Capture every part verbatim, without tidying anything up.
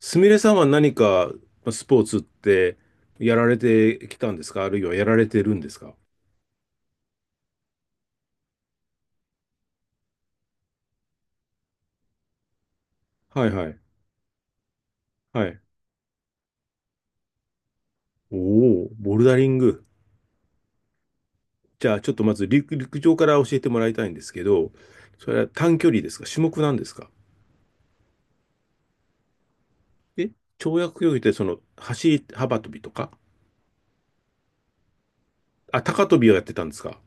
すみれさんは何か、まあスポーツってやられてきたんですか？あるいはやられてるんですか？はいはい。はい。おお、ボルダリング。じゃあちょっとまず陸、陸上から教えてもらいたいんですけど、それは短距離ですか？種目なんですか？え？跳躍競技ってその走り幅跳びとか？あ、高跳びをやってたんですか？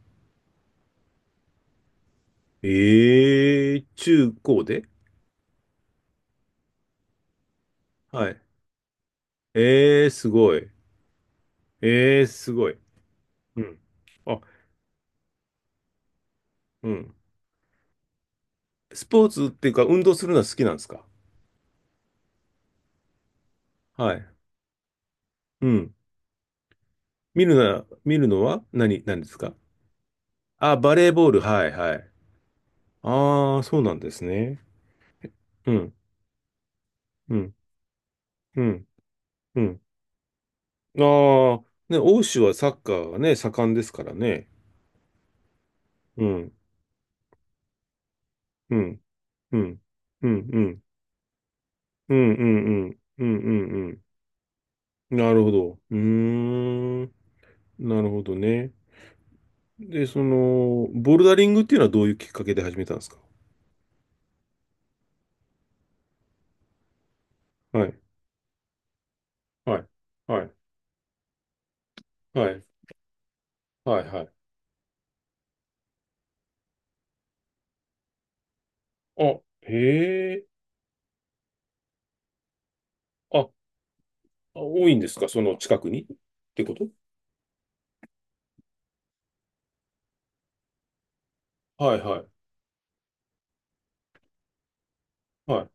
ええ、中高で？はい。ええ、すごい。ええ、すごい。うん。あ、うん。スポーツっていうか運動するのは好きなんですか？はい。うん。見るな、見るのは何、何ですか？あ、バレーボール。はい、はい。ああ、そうなんですね。うん、うん、うん、うん。ああ、ね、欧州はサッカーがね、盛んですからね。うん、うん、うん、うん、うん、うん、うん、うん、うん、うん。うん、なるほど。うーん、なるほどね。で、その、ボルダリングっていうのはどういうきっかけで始めたんですか？はい、はい、はい、はい、はい、はい。あ、へえ。あ、あ多いんですか？その近くにってこと？はいはい。はい。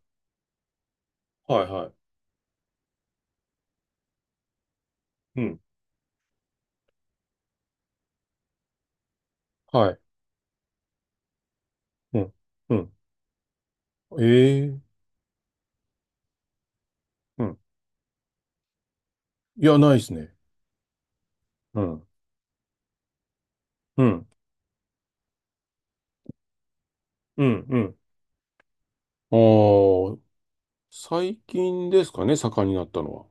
はいはい。うん。はい。うん。うん。ええ、うん。いや、ないですね。うん。うん。うん。うん。ああ、最近ですかね、盛んになったのは。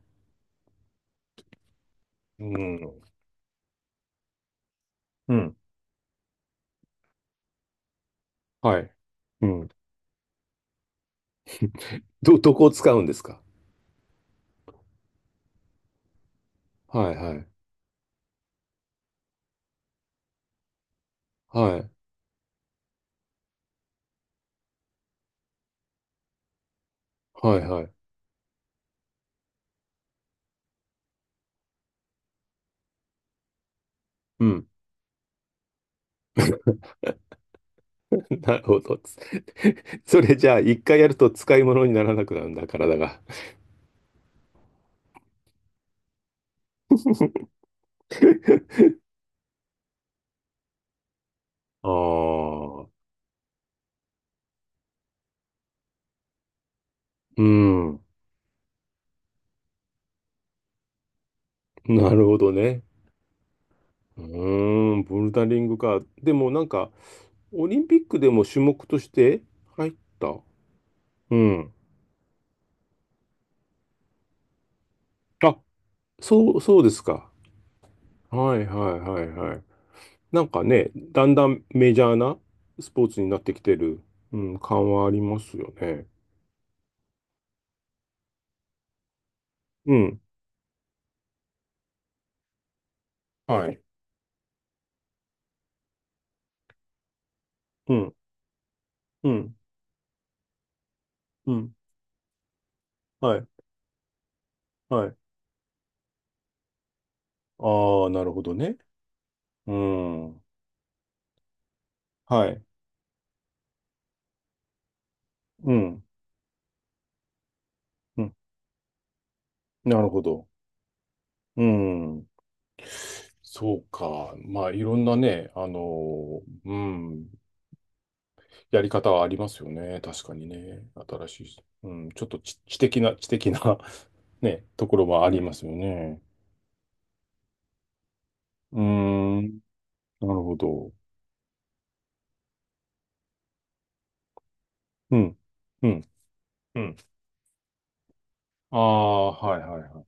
うん。うん。はい。うん。ど、どこを使うんですか？はいはい。はい。はいはい。うん。なるほど。それじゃあ、一回やると使い物にならなくなるんだ、体が。ああ、うん。なるほどね。うーん、ボルダリングか。でもなんか、オリンピックでも種目として入った。うん。あ、そう、そうですか。はいはいはいはい。なんかね、だんだんメジャーなスポーツになってきてる、うん、感はありますよね。うん。はい。うん。うん。うん。はい。はい。ああ、なるほどね。うん。はい。うん。うん。なるほど。うん。そうか。まあ、いろんなね、あの、うん、やり方はありますよね。確かにね。新しい、うん、ちょっと知、知的な、知的な ね、ところはありますよね。うーん、なるほど。うん、うん、うん。ああ、はいはいはい。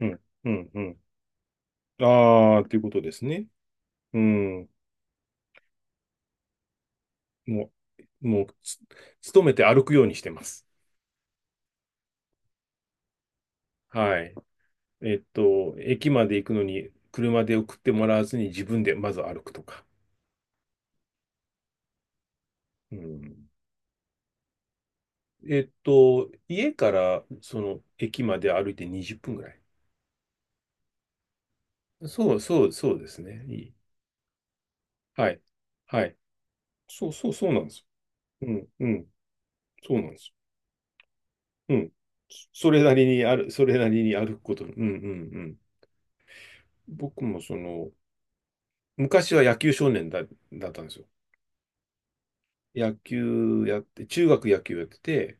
うん、うん、うん。ああ、ということですね。うん、もう、もう、つ勤めて歩くようにしてます。はい。えっと、駅まで行くのに車で送ってもらわずに自分でまず歩くとか。うん。えっと、家からその駅まで歩いてにじゅっぷんぐらい。そうそうそうですね。いい。はい。はい。そうそうそうなんです。うん、うん。そうなんです。うん。そそれなりにある、それなりに歩くこと。うん、うん、うん。僕もその、昔は野球少年だ、だったんですよ。野球やって、中学野球やってて、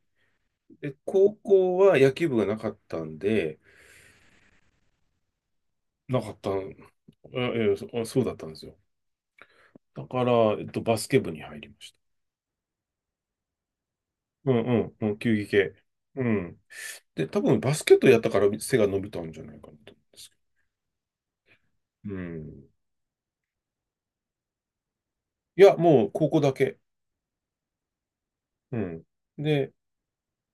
で、高校は野球部がなかったんで、なかったん、あええそあそうだったんですよ。だから、えっと、バスケ部に入りました。うんうん、うん、球技系。うん。で、多分バスケットやったから背が伸びたんじゃないかなと思うんですけど。うん。いや、もう高校だけ。うん。で、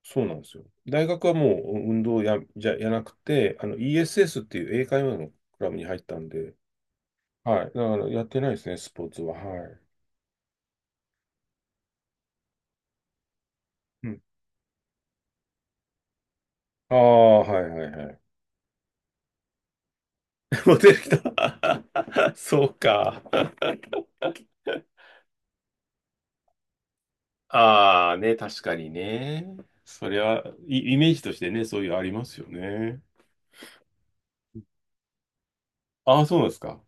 そうなんですよ。大学はもう運動や、じゃ、やなくて、あの、エスエスエス っていう英会話のクラブに入ったんで、はい。だからやってないですね、スポーツは。はい。うん。ああ、はいはいはい。モデル来た。そうか。ああ、ね、確かにね。それは、イイメージとしてね、そういうありますよね。ああ、そうなんですか。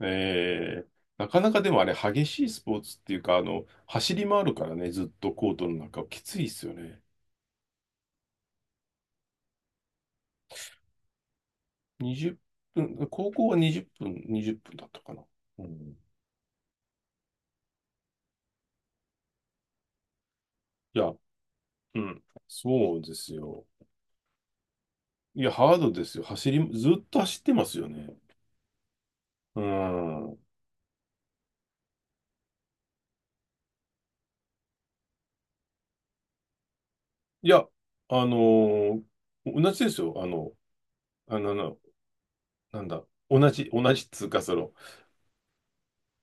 ええ、なかなかでもあれ、激しいスポーツっていうか、あの、走り回るからね、ずっとコートの中、きついっすよね。にじゅっぷん、高校はにじゅっぷん、にじゅっぷんだったかな。うん、いや、うん、そうですよ。いや、ハードですよ。走り、ずっと走ってますよね。うん。いや、あのー同じですよ。あの、あの、ななんだ、同じ、同じっつうか、その、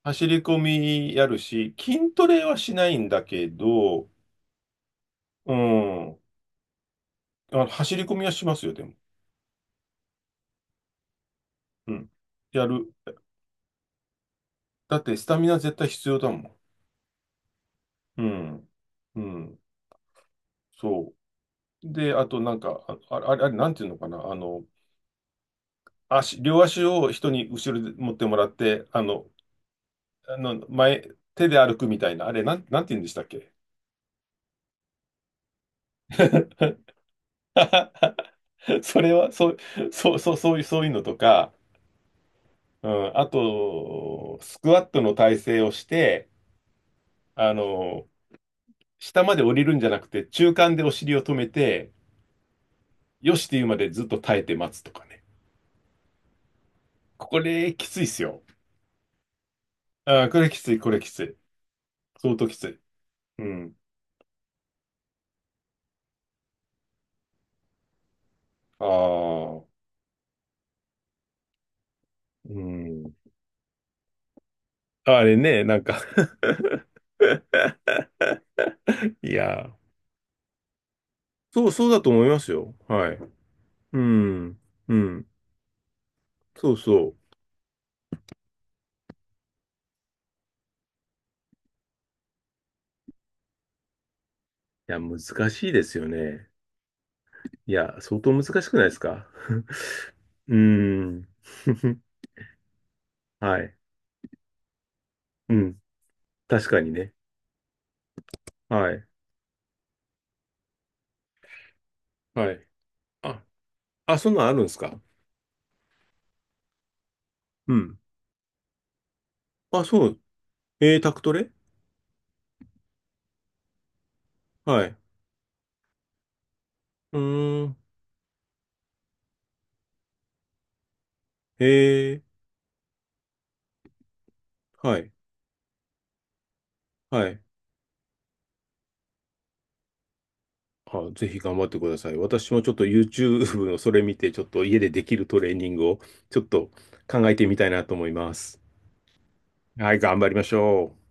走り込みやるし、筋トレはしないんだけど、うん、あの、走り込みはしますよ、でも。うん。やる。だって、スタミナ絶対必要だもん。うん。うん。そう。で、あと、なんか、ああれ、あれ、あれなんていうのかな、あの、足、両足を人に後ろで持ってもらって、あの、あの、前、手で歩くみたいな、あれ、なん、なんて言うんでしたっけ？ それは、そう、そう、そう、そういう、そういうのとか、うん、あと、スクワットの体勢をして、あの、下まで降りるんじゃなくて、中間でお尻を止めて、よしっていうまでずっと耐えて待つとかね。これ、きついっすよ。あー、これきつい、これきつい。相当きつい。うん。ああ、うん。あれね、なんか いや、そう、そうだと思いますよ。はい。うん。うん。そうそう。いや、難しいですよね。いや、相当難しくないですか？ うーん。はい。うん。確かにね。はい。はい。あ、あ、そんなんあるんですか？うん。あ、そう。えー、タクトレ？はい。うーん。えー、はい。はい。あ、ぜひ頑張ってください。私もちょっと ユーチューブ のそれ見て、ちょっと家でできるトレーニングをちょっと考えてみたいなと思います。はい、頑張りましょう。